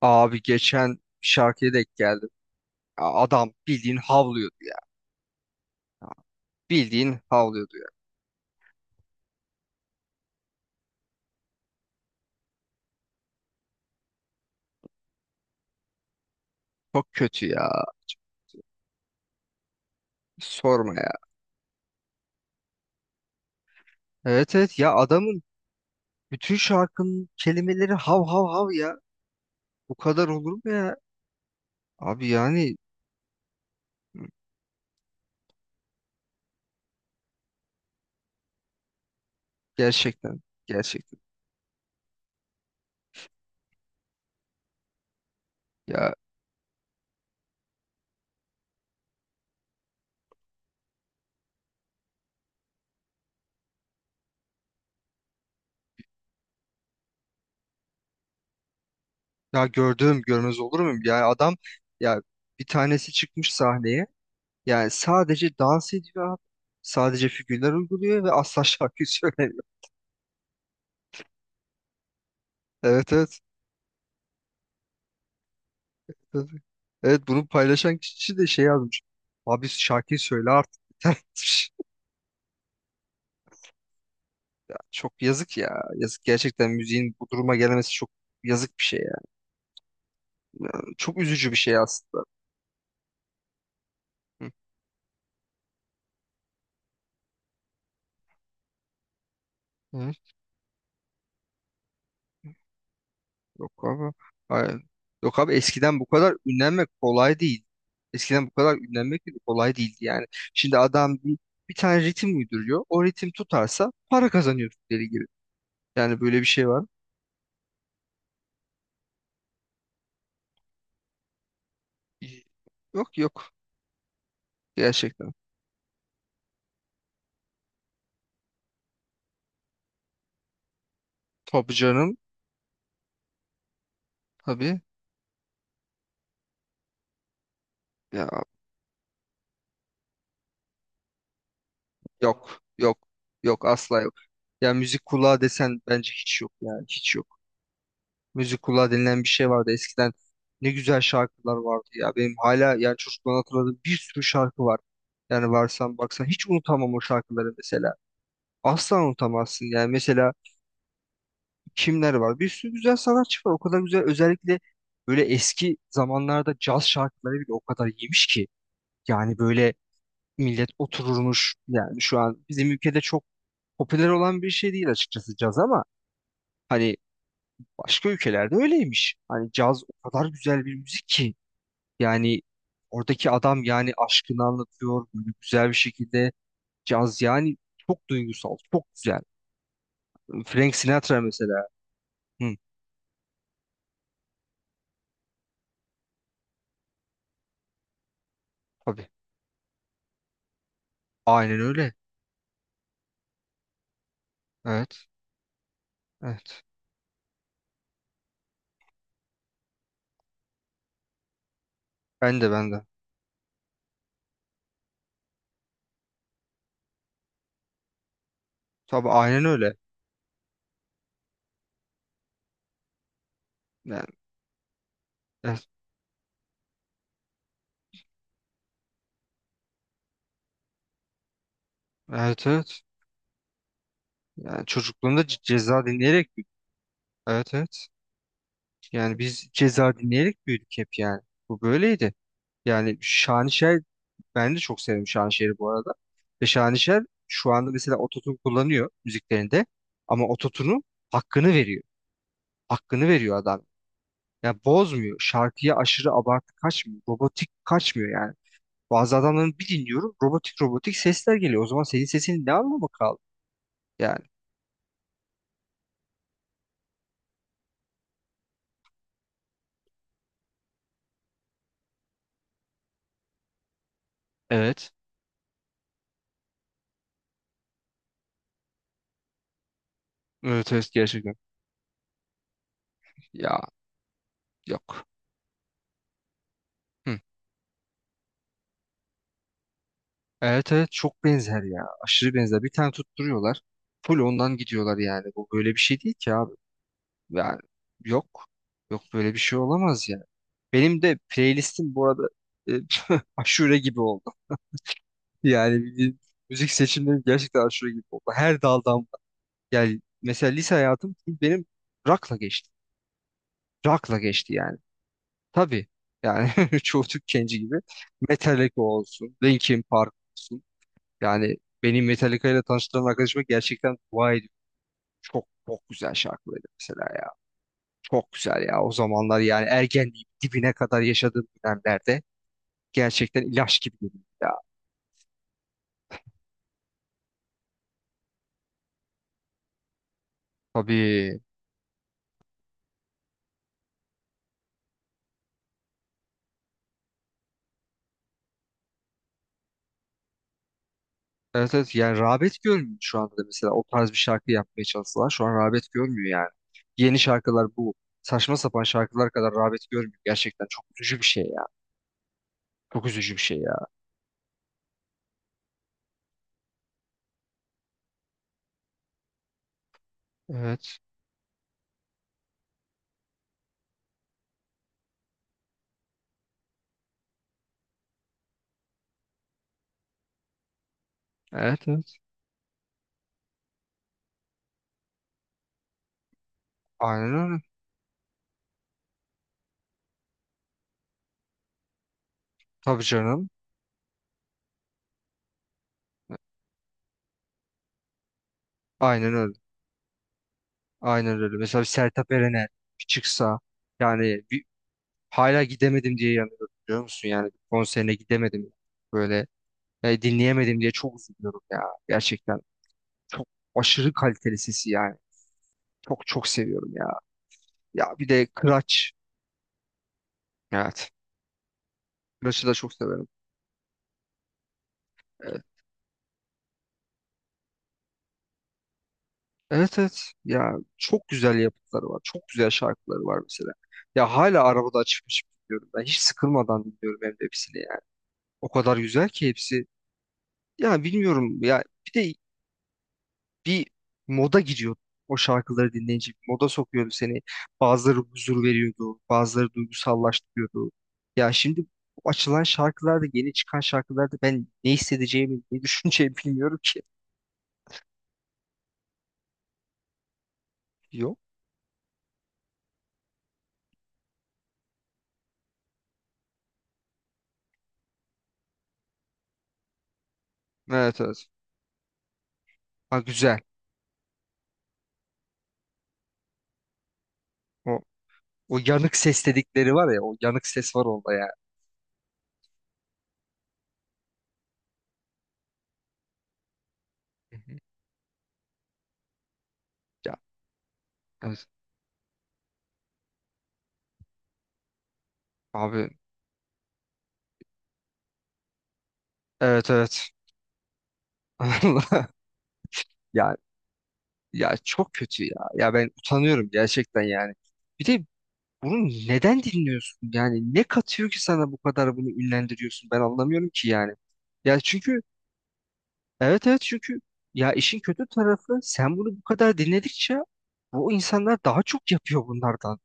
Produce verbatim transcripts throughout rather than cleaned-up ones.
Abi geçen bir şarkıya denk geldim. Ya Adam bildiğin havlıyordu ya. Bildiğin havlıyordu ya. Çok kötü ya. Sorma ya. Evet evet ya adamın bütün şarkının kelimeleri hav hav hav ya. Bu kadar olur mu ya? Abi yani gerçekten gerçekten ya ya gördüğüm görmez olur muyum? Yani adam ya bir tanesi çıkmış sahneye. Yani sadece dans ediyor abi. Sadece figürler uyguluyor ve asla şarkı söylemiyor. Evet evet. Tabii. Evet bunu paylaşan kişi de şey yazmış. Abi şarkıyı söyle artık yeter." Çok yazık ya. Yazık gerçekten müziğin bu duruma gelmesi çok yazık bir şey ya. Yani çok üzücü bir şey aslında. Hı. Hı. Yok abi. Hayır. Yok abi eskiden bu kadar ünlenmek kolay değil. Eskiden bu kadar ünlenmek de kolay değildi yani. Şimdi adam bir, bir tane ritim uyduruyor. O ritim tutarsa para kazanıyor deli gibi. Yani böyle bir şey var. Yok yok gerçekten. Tabii canım. Tabii. Ya yok, yok, yok asla yok. Ya müzik kulağı desen bence hiç yok yani hiç yok. Müzik kulağı denilen bir şey vardı eskiden. Ne güzel şarkılar vardı ya. Benim hala yani çocukluğumdan hatırladığım bir sürü şarkı var. Yani varsan baksan hiç unutamam o şarkıları mesela. Asla unutamazsın yani mesela kimler var? Bir sürü güzel sanatçı var. O kadar güzel özellikle böyle eski zamanlarda caz şarkıları bile o kadar iyiymiş ki. Yani böyle millet otururmuş yani şu an bizim ülkede çok popüler olan bir şey değil açıkçası caz ama hani başka ülkelerde öyleymiş. Hani caz o kadar güzel bir müzik ki yani oradaki adam yani aşkını anlatıyor böyle güzel bir şekilde caz yani çok duygusal, çok güzel. Frank Sinatra mesela. Hı, tabii. Aynen öyle. Evet. Evet. Ben de ben de. Tabii aynen öyle. Yani, evet evet. Evet. Yani çocukluğumda C- ceza dinleyerek büyüdüm. Evet evet. Yani biz ceza dinleyerek büyüdük hep yani. Bu böyleydi. Yani Şanışer ben de çok severim Şanışer'i bu arada. Ve Şanışer şu anda mesela ototune kullanıyor müziklerinde ama ototune'un hakkını veriyor. Hakkını veriyor adam. Ya bozmuyor. Şarkıya aşırı abartı kaçmıyor. Robotik kaçmıyor yani. Bazı adamların bir dinliyorum robotik robotik sesler geliyor. O zaman senin sesinin ne anlamı kaldı? Yani evet. Evet evet gerçekten. Ya yok. Hı. Evet evet çok benzer ya. Aşırı benzer. Bir tane tutturuyorlar. Full ondan gidiyorlar yani. Bu böyle bir şey değil ki abi. Ya yok. Yok böyle bir şey olamaz ya. Benim de playlistim bu arada e, aşure gibi oldu. Yani bildiğin müzik seçimlerim gerçekten aşure gibi oldu. Her daldan var. Yani mesela lise hayatım full benim rock'la geçti. Rock'la geçti yani. Tabii yani çoğu Türk genci gibi Metallica olsun, Linkin Park olsun. Yani beni Metallica ile tanıştıran arkadaşıma gerçekten dua ediyorum. Çok çok güzel şarkıları mesela. Çok güzel ya o zamanlar yani ergenliğin dibine kadar yaşadığım dönemlerde gerçekten ilaç gibi geliyor ya. Tabii. Evet evet yani rağbet görmüyor şu anda da mesela o tarz bir şarkı yapmaya çalışsalar şu an rağbet görmüyor yani. Yeni şarkılar bu saçma sapan şarkılar kadar rağbet görmüyor. Gerçekten çok üzücü bir şey ya. Çok üzücü bir şey ya. Evet. Evet evet. Aynen öyle. Tabii canım. Aynen öyle. Aynen öyle. Mesela bir Sertab Erener bir çıksa yani hala gidemedim diye yanıyorum biliyor musun? Yani konserine gidemedim. Böyle e, dinleyemedim diye çok üzülüyorum ya. Gerçekten çok aşırı kaliteli sesi yani. Çok çok seviyorum ya. Ya bir de Kıraç. Evet. Kıraç'ı da çok severim. Evet. Evet evet. Ya çok güzel yapıtları var. Çok güzel şarkıları var mesela. Ya hala arabada açıp açıp dinliyorum. Ben hiç sıkılmadan dinliyorum hem de hepsini yani. O kadar güzel ki hepsi. Ya bilmiyorum ya. Bir de bir moda giriyordu. O şarkıları dinleyince bir moda sokuyordu seni. Bazıları huzur veriyordu, bazıları duygusallaştırıyordu. Ya şimdi bu açılan şarkılarda, yeni çıkan şarkılarda ben ne hissedeceğimi, ne düşüneceğimi bilmiyorum ki. Yok. Evet evet. Ha güzel. O, o yanık ses dedikleri var ya, o yanık ses var onda ya. Hı hı. Ya evet. Abi evet evet. Allah. Ya ya çok kötü ya. Ya ben utanıyorum gerçekten yani. Bir de bunu neden dinliyorsun? Yani ne katıyor ki sana bu kadar bunu ünlendiriyorsun? Ben anlamıyorum ki yani. Ya çünkü evet evet çünkü ya işin kötü tarafı sen bunu bu kadar dinledikçe bu insanlar daha çok yapıyor bunlardan.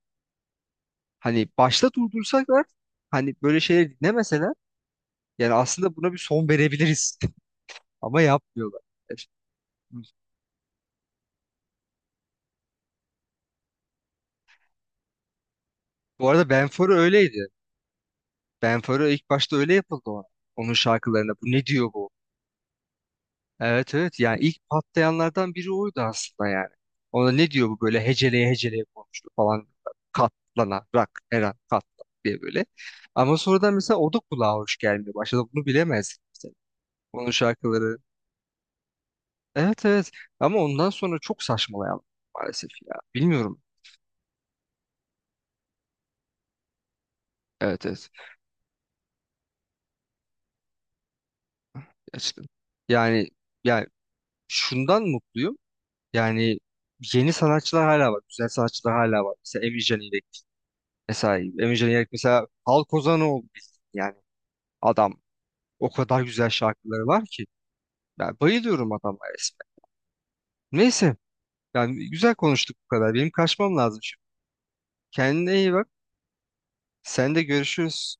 Hani başta durdursalar hani böyle şeyleri dinlemeseler yani aslında buna bir son verebiliriz ama yapmıyorlar. Bu arada Benfero öyleydi. Benfero ilk başta öyle yapıldı ona. Onun şarkılarına bu ne diyor bu? Evet evet yani ilk patlayanlardan biri oydu aslında yani. Ona ne diyor bu böyle heceleye heceleye konuştu falan katlanarak her an katlan diye böyle. Ama sonradan mesela o da kulağa hoş gelmiyor. Başta bunu bilemezdik mesela. Onun şarkıları. Evet evet ama ondan sonra çok saçmalayan maalesef ya. Bilmiyorum. Evet evet gerçekten. Yani, yani şundan mutluyum. Yani yeni sanatçılar hala var. Güzel sanatçılar hala var. Mesela Emi Can ile. Mesela Emircan Yerlik mesela halk ozanı oldu bizim. Yani adam o kadar güzel şarkıları var ki. Ben bayılıyorum adama resmen. Neyse yani güzel konuştuk bu kadar. Benim kaçmam lazım şimdi. Kendine iyi bak. Sen de görüşürüz.